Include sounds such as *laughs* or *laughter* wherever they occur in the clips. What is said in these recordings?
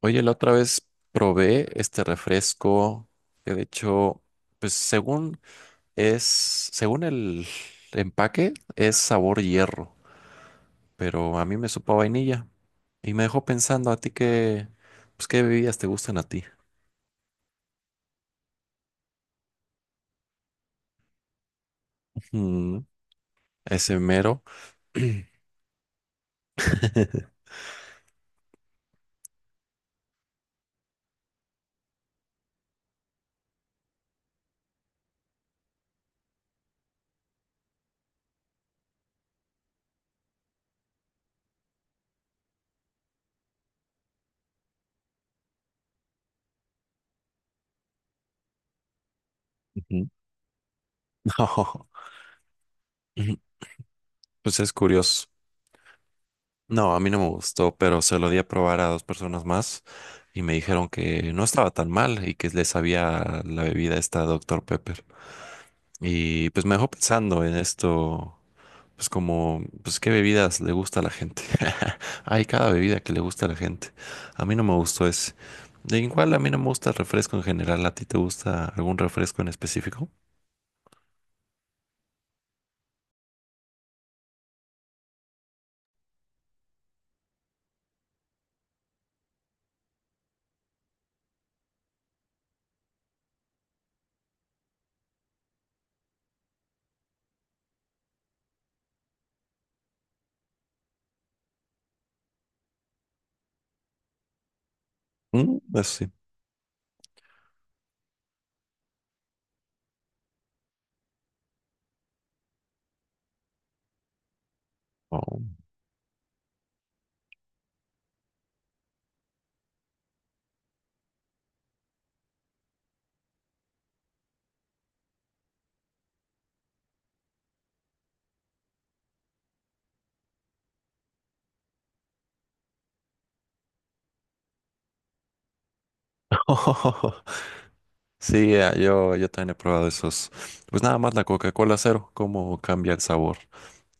Oye, la otra vez probé este refresco, que de hecho, pues según es, según el empaque, es sabor hierro, pero a mí me supo a vainilla y me dejó pensando a ti qué, pues qué bebidas te gustan a ti. Mm, ese mero. *clears throat* Ujú. *laughs* No, ujú. Pues es curioso. No, a mí no me gustó, pero se lo di a probar a dos personas más y me dijeron que no estaba tan mal y que les sabía la bebida esta doctor Pepper. Y pues me dejó pensando en esto, pues como, pues qué bebidas le gusta a la gente. *laughs* Hay cada bebida que le gusta a la gente. A mí no me gustó ese. De igual a mí no me gusta el refresco en general. ¿A ti te gusta algún refresco en específico? Mm, eso sí. Oh. *laughs* Sí, yo también he probado esos. Pues nada más la Coca-Cola cero, cómo cambia el sabor.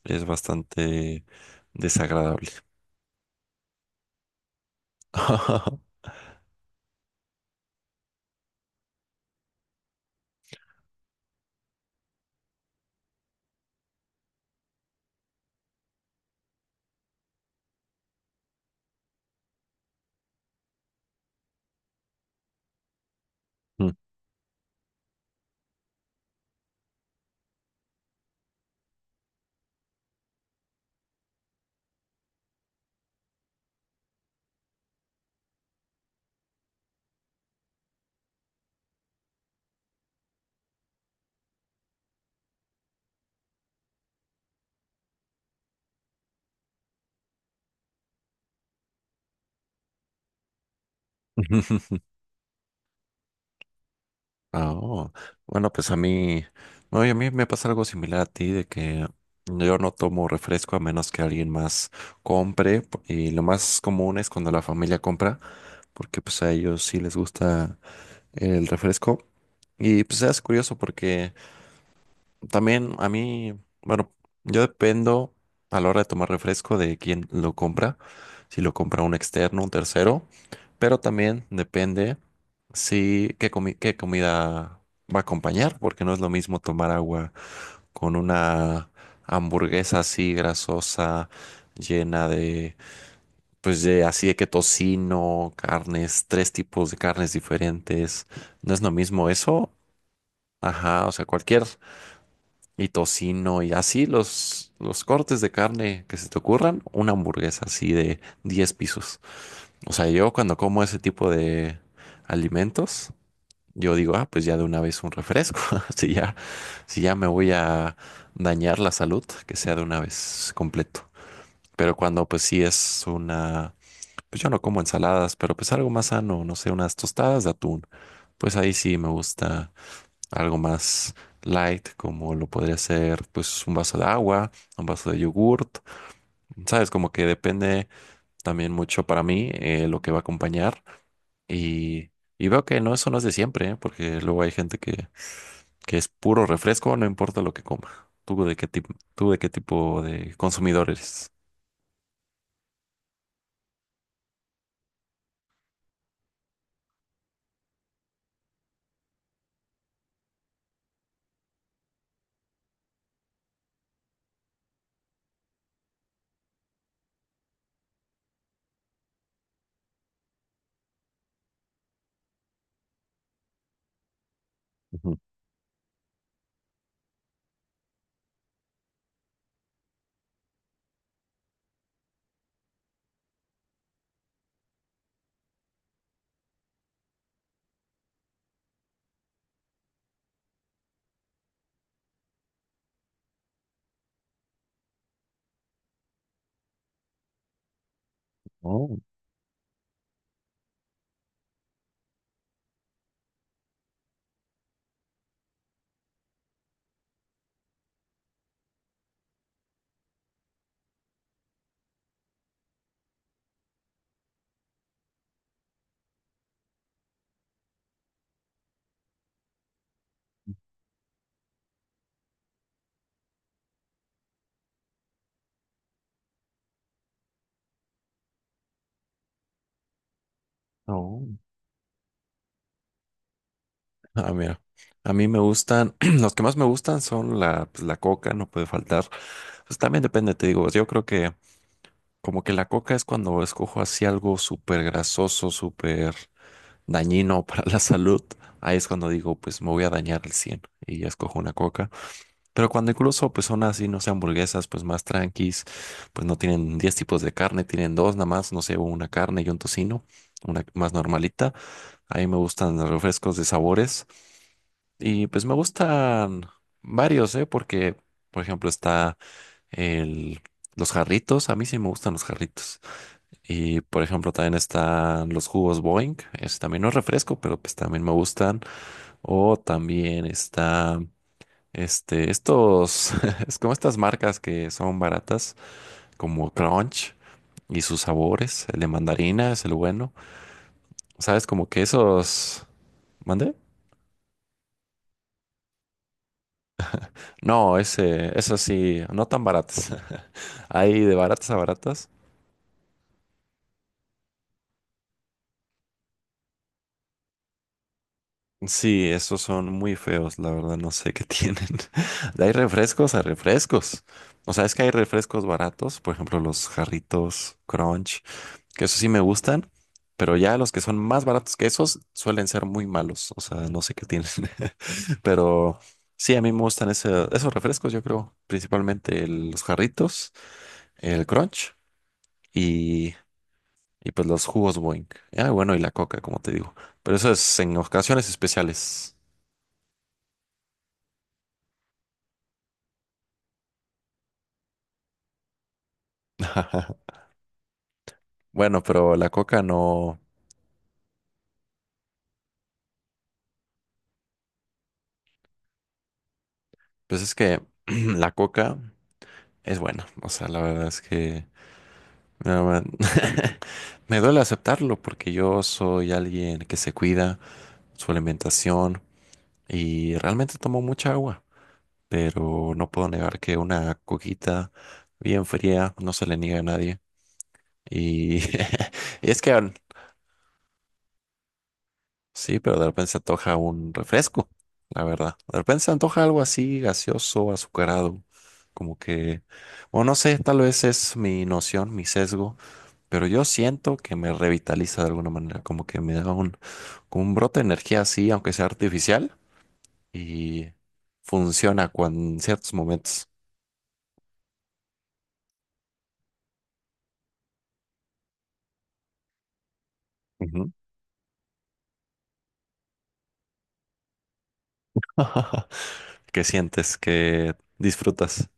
Es bastante desagradable. *laughs* Mm. *laughs* Ah, oh. Bueno, pues a mí, no, y a mí me pasa algo similar a ti, de que yo no tomo refresco a menos que alguien más compre, y lo más común es cuando la familia compra, porque pues a ellos sí les gusta el refresco. Y pues es curioso porque también a mí, bueno, yo dependo a la hora de tomar refresco de quién lo compra, si lo compra un externo, un tercero, pero también depende si qué comida va a acompañar, porque no es lo mismo tomar agua con una hamburguesa así grasosa, llena de, pues de así de que tocino, carnes, tres tipos de carnes diferentes. No es lo mismo eso. Ajá, o sea, cualquier. Y tocino y así los cortes de carne que se te ocurran, una hamburguesa así de 10 pisos. O sea, yo cuando como ese tipo de alimentos, yo digo, ah, pues ya de una vez un refresco. *laughs* Si ya, si ya me voy a dañar la salud, que sea de una vez completo. Pero cuando pues sí es una, pues yo no como ensaladas, pero pues algo más sano, no sé, unas tostadas de atún. Pues ahí sí me gusta algo más light, como lo podría ser pues un vaso de agua, un vaso de yogurt, sabes, como que depende también mucho para mí lo que va a acompañar y, y veo que no, eso no es de siempre, ¿eh? Porque luego hay gente que es puro refresco, no importa lo que coma. Tú de qué tipo de consumidor eres? Ujú. Oh, oh. Ah, mira. A mí me gustan, *clears throat* los que más me gustan son la, pues, la coca, no puede faltar. Pues también depende, te digo, yo creo que como que la coca es cuando escojo así algo súper grasoso, súper dañino *laughs* para la salud. Ahí es cuando digo, pues me voy a dañar al 100 y ya escojo una coca. Pero cuando incluso pues son así, no sé, hamburguesas, pues más tranquis, pues no tienen 10 tipos de carne, tienen dos nada más, no sé, una carne y un tocino, una más normalita. Ahí me gustan los refrescos de sabores y pues me gustan varios, ¿eh? Porque, por ejemplo, está el... Los jarritos, a mí sí me gustan los jarritos. Y por ejemplo, también están los jugos Boeing. Ese también no es refresco, pero pues también me gustan. O también está estos, *laughs* es como estas marcas que son baratas, como Crunch y sus sabores. El de mandarina es el bueno. ¿Sabes? Como que esos. ¿Mandé? No, ese, eso sí, no tan baratas. *laughs* Hay de baratas a baratas. Sí, esos son muy feos, la verdad, no sé qué tienen. *laughs* Hay refrescos a refrescos. O sea, es que hay refrescos baratos, por ejemplo, los jarritos Crunch, que esos sí me gustan, pero ya los que son más baratos que esos suelen ser muy malos. O sea, no sé qué tienen. *laughs* Pero sí, a mí me gustan esos refrescos, yo creo, principalmente los jarritos, el Crunch y, y pues los jugos Boing. Ah, bueno, y la Coca, como te digo. Pero eso es en ocasiones especiales. *laughs* Bueno, pero la coca no. Pues es que *clears throat* la coca es buena. O sea, la verdad es que no, man, *laughs* me duele aceptarlo porque yo soy alguien que se cuida su alimentación y realmente tomo mucha agua. Pero no puedo negar que una coquita bien fría no se le niega a nadie. Y *laughs* es que sí, pero de repente se antoja un refresco, la verdad. De repente se antoja algo así gaseoso, azucarado, como que, o no sé, tal vez es mi noción, mi sesgo, pero yo siento que me revitaliza de alguna manera, como que me da un, como un brote de energía así, aunque sea artificial, y funciona cuando, en ciertos momentos. Ujú. *laughs* ¿Qué sientes? ¿Qué disfrutas?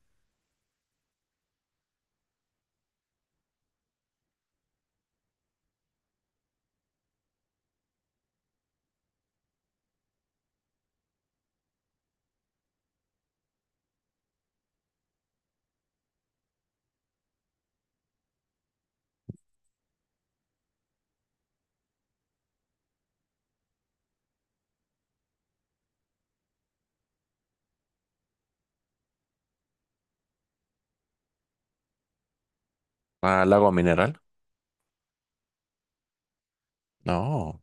¿Al agua mineral? No,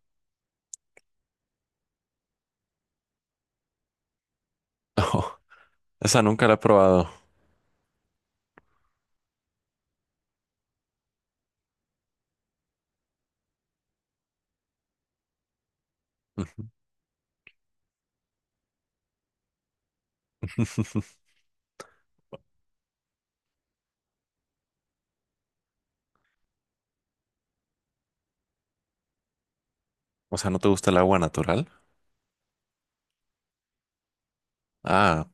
*laughs* esa nunca la he probado. Ujú. *laughs* O sea, ¿no te gusta el agua natural? Ah,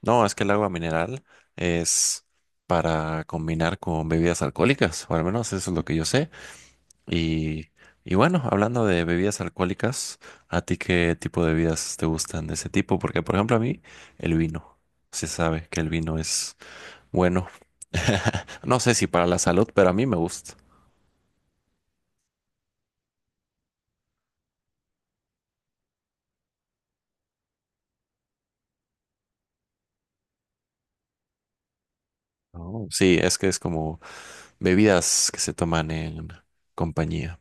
no, es que el agua mineral es para combinar con bebidas alcohólicas, o al menos eso es lo que yo sé. Y, y bueno, hablando de bebidas alcohólicas, ¿a ti qué tipo de bebidas te gustan de ese tipo? Porque, por ejemplo, a mí el vino. Se sabe que el vino es bueno. *laughs* No sé si para la salud, pero a mí me gusta. Oh. Sí, es que es como bebidas que se toman en compañía.